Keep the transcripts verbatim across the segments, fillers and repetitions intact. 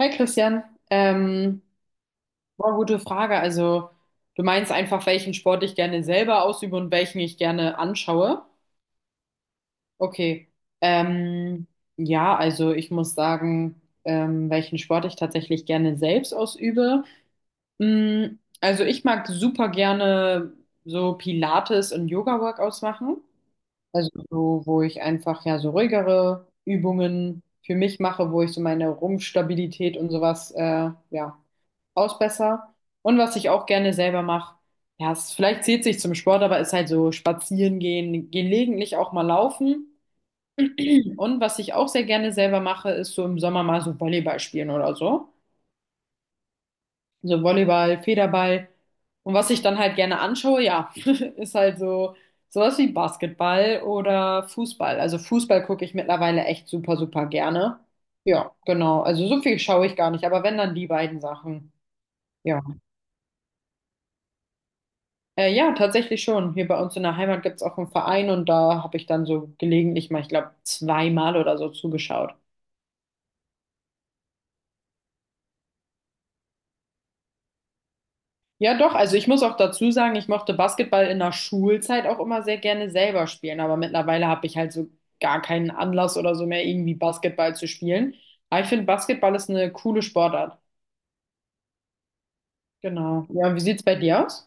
Hi Christian, ähm, boah, gute Frage. Also du meinst einfach, welchen Sport ich gerne selber ausübe und welchen ich gerne anschaue? Okay. Ähm, ja, also ich muss sagen, ähm, welchen Sport ich tatsächlich gerne selbst ausübe. Mm, also ich mag super gerne so Pilates und Yoga-Workouts machen. Also so, wo ich einfach ja so ruhigere Übungen für mich mache, wo ich so meine Rumpfstabilität und sowas äh, ja ausbesser. Und was ich auch gerne selber mache, ja, es, vielleicht zählt sich zum Sport, aber ist halt so spazieren gehen, gelegentlich auch mal laufen. Und was ich auch sehr gerne selber mache, ist so im Sommer mal so Volleyball spielen oder so. So Volleyball, Federball. Und was ich dann halt gerne anschaue, ja, ist halt so sowas wie Basketball oder Fußball. Also Fußball gucke ich mittlerweile echt super, super gerne. Ja, genau. Also so viel schaue ich gar nicht, aber wenn dann die beiden Sachen. Ja. Äh, ja, tatsächlich schon. Hier bei uns in der Heimat gibt es auch einen Verein und da habe ich dann so gelegentlich mal, ich glaube, zweimal oder so zugeschaut. Ja, doch, also ich muss auch dazu sagen, ich mochte Basketball in der Schulzeit auch immer sehr gerne selber spielen, aber mittlerweile habe ich halt so gar keinen Anlass oder so mehr, irgendwie Basketball zu spielen. Aber ich finde, Basketball ist eine coole Sportart. Genau. Ja, und wie sieht's bei dir aus?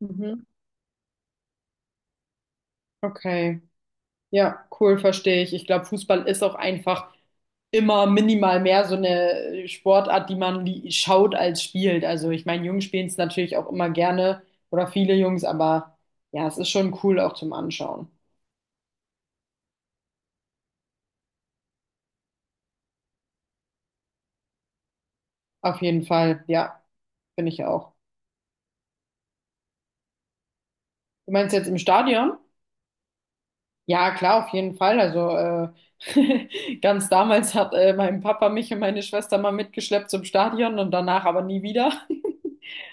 Mhm. Okay. Ja, cool, verstehe ich. Ich glaube, Fußball ist auch einfach immer minimal mehr so eine Sportart, die man li- schaut als spielt. Also ich meine, Jungs spielen es natürlich auch immer gerne oder viele Jungs, aber ja, es ist schon cool auch zum Anschauen. Auf jeden Fall, ja, finde ich auch. Du meinst jetzt im Stadion? Ja, klar, auf jeden Fall. Also äh, ganz damals hat äh, mein Papa mich und meine Schwester mal mitgeschleppt zum Stadion und danach aber nie wieder.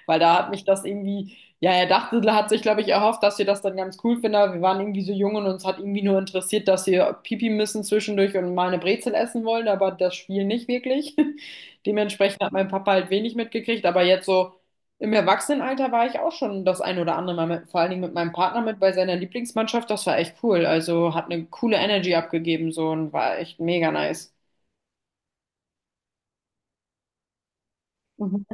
Weil da hat mich das irgendwie, ja, er dachte, er hat sich, glaube ich, erhofft, dass wir das dann ganz cool finden, aber wir waren irgendwie so jung und uns hat irgendwie nur interessiert, dass wir Pipi müssen zwischendurch und mal eine Brezel essen wollen, aber das Spiel nicht wirklich. Dementsprechend hat mein Papa halt wenig mitgekriegt, aber jetzt so im Erwachsenenalter war ich auch schon das ein oder andere Mal mit, vor allen Dingen mit meinem Partner mit bei seiner Lieblingsmannschaft. Das war echt cool. Also hat eine coole Energy abgegeben so und war echt mega nice. Mhm.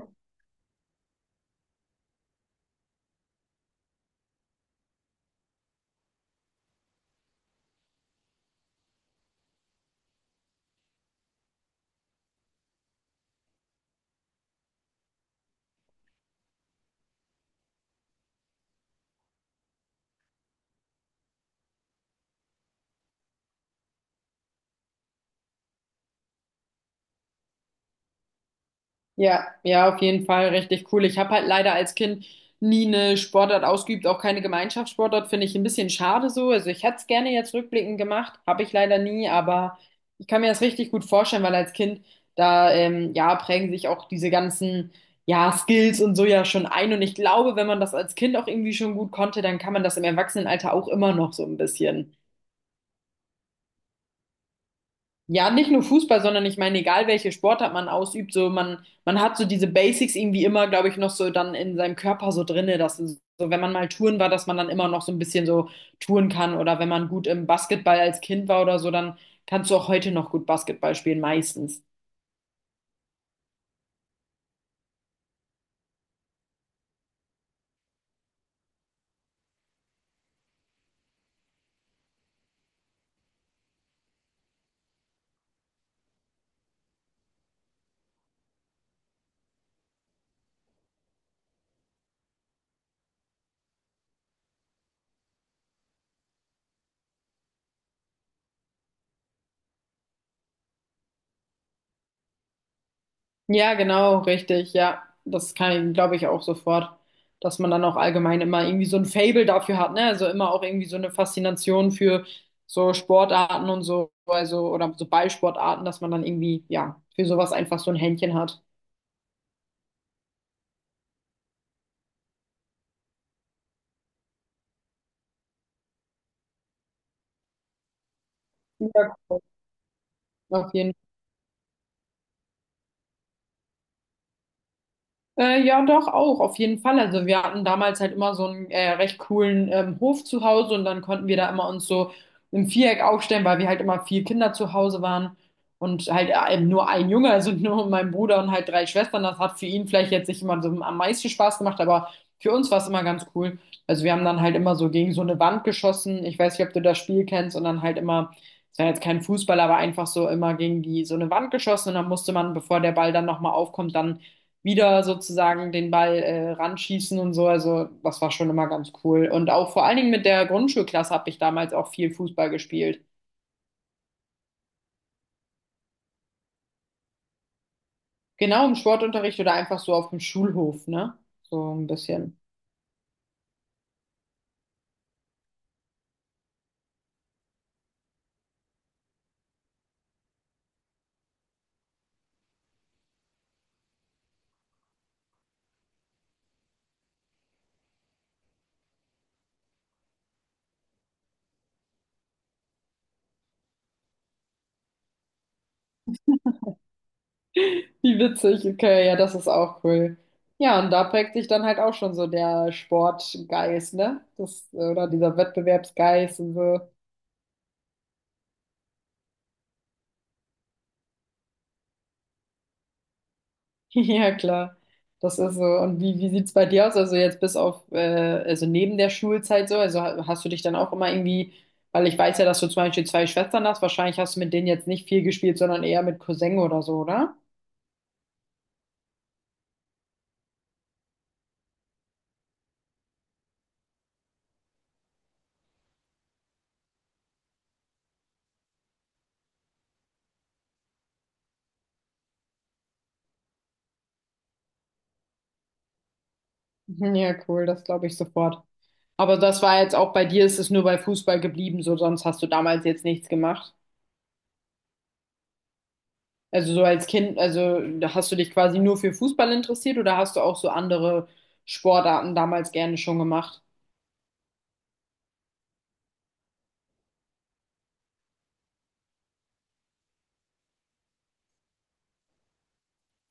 Ja, ja, auf jeden Fall richtig cool. Ich habe halt leider als Kind nie eine Sportart ausgeübt, auch keine Gemeinschaftssportart, finde ich ein bisschen schade so. Also ich hätte es gerne jetzt rückblickend gemacht, habe ich leider nie, aber ich kann mir das richtig gut vorstellen, weil als Kind, da ähm, ja, prägen sich auch diese ganzen ja, Skills und so ja schon ein. Und ich glaube, wenn man das als Kind auch irgendwie schon gut konnte, dann kann man das im Erwachsenenalter auch immer noch so ein bisschen. Ja, nicht nur Fußball, sondern ich meine, egal welche Sportart man ausübt, so man, man hat so diese Basics irgendwie immer, glaube ich, noch so dann in seinem Körper so drinne, dass es so, wenn man mal touren war, dass man dann immer noch so ein bisschen so touren kann oder wenn man gut im Basketball als Kind war oder so, dann kannst du auch heute noch gut Basketball spielen, meistens. Ja, genau, richtig. Ja, das kann ich, glaube ich, auch sofort, dass man dann auch allgemein immer irgendwie so ein Faible dafür hat, ne? Also immer auch irgendwie so eine Faszination für so Sportarten und so, also oder so Ballsportarten, dass man dann irgendwie, ja, für sowas einfach so ein Händchen hat. Ja, cool. Auf jeden Äh, ja, doch, auch, auf jeden Fall. Also wir hatten damals halt immer so einen äh, recht coolen ähm, Hof zu Hause und dann konnten wir da immer uns so im Viereck aufstellen, weil wir halt immer vier Kinder zu Hause waren und halt äh, eben nur ein Junge, also nur mein Bruder und halt drei Schwestern. Das hat für ihn vielleicht jetzt nicht immer so am meisten Spaß gemacht, aber für uns war es immer ganz cool. Also wir haben dann halt immer so gegen so eine Wand geschossen. Ich weiß nicht, ob du das Spiel kennst und dann halt immer, es war jetzt kein Fußball, aber einfach so immer gegen die so eine Wand geschossen und dann musste man, bevor der Ball dann nochmal aufkommt, dann wieder sozusagen den Ball äh, ranschießen und so. Also das war schon immer ganz cool. Und auch vor allen Dingen mit der Grundschulklasse habe ich damals auch viel Fußball gespielt. Genau im Sportunterricht oder einfach so auf dem Schulhof, ne? So ein bisschen. Wie witzig, okay, ja, das ist auch cool. Ja, und da prägt sich dann halt auch schon so der Sportgeist, ne? Das, oder dieser Wettbewerbsgeist und so. Ja, klar. Das ist so. Und wie, wie sieht's bei dir aus? Also jetzt bis auf, äh, also neben der Schulzeit so, also ha- hast du dich dann auch immer irgendwie, weil ich weiß ja, dass du zum Beispiel zwei Schwestern hast, wahrscheinlich hast du mit denen jetzt nicht viel gespielt, sondern eher mit Cousin oder so, oder? Mhm, ja, cool, das glaube ich sofort. Aber das war jetzt auch bei dir, ist es nur bei Fußball geblieben, so sonst hast du damals jetzt nichts gemacht. Also so als Kind, also da hast du dich quasi nur für Fußball interessiert oder hast du auch so andere Sportarten damals gerne schon gemacht?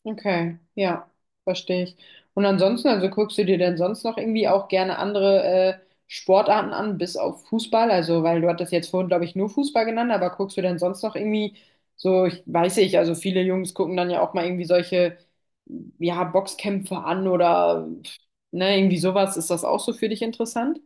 Okay, ja, verstehe ich. Und ansonsten, also guckst du dir denn sonst noch irgendwie auch gerne andere äh, Sportarten an, bis auf Fußball? Also, weil du hattest jetzt vorhin, glaube ich, nur Fußball genannt, aber guckst du denn sonst noch irgendwie so, ich weiß nicht, also viele Jungs gucken dann ja auch mal irgendwie solche, ja, Boxkämpfe an oder, ne, irgendwie sowas. Ist das auch so für dich interessant?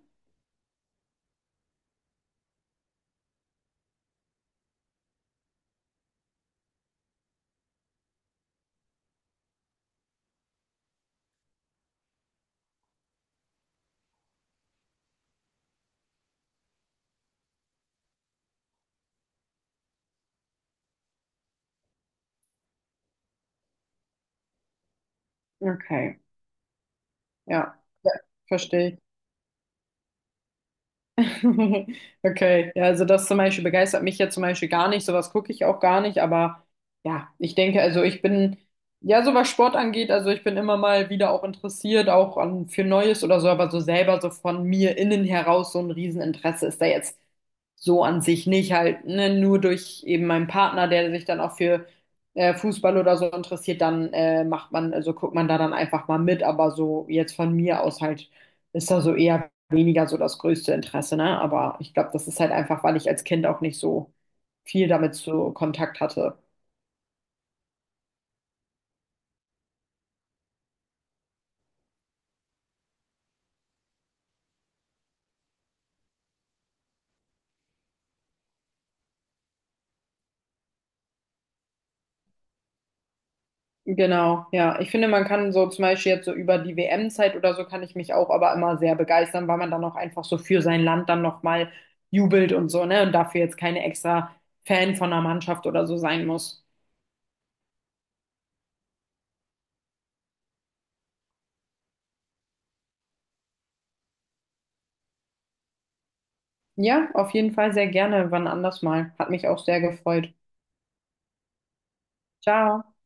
Okay, ja, ja, verstehe ich. Okay, ja, also das zum Beispiel begeistert mich ja zum Beispiel gar nicht, sowas gucke ich auch gar nicht, aber ja, ich denke, also ich bin, ja, so was Sport angeht, also ich bin immer mal wieder auch interessiert, auch an, für Neues oder so, aber so selber so von mir innen heraus so ein Rieseninteresse ist da jetzt so an sich nicht halt, ne, nur durch eben meinen Partner, der sich dann auch für äh, Fußball oder so interessiert, dann äh, macht man, also guckt man da dann einfach mal mit, aber so jetzt von mir aus halt ist da so eher weniger so das größte Interesse, ne? Aber ich glaube, das ist halt einfach, weil ich als Kind auch nicht so viel damit zu Kontakt hatte. Genau, ja. Ich finde, man kann so zum Beispiel jetzt so über die W M-Zeit oder so kann ich mich auch aber immer sehr begeistern, weil man dann auch einfach so für sein Land dann nochmal jubelt und so, ne? Und dafür jetzt keine extra Fan von einer Mannschaft oder so sein muss. Ja, auf jeden Fall sehr gerne, wann anders mal. Hat mich auch sehr gefreut. Ciao.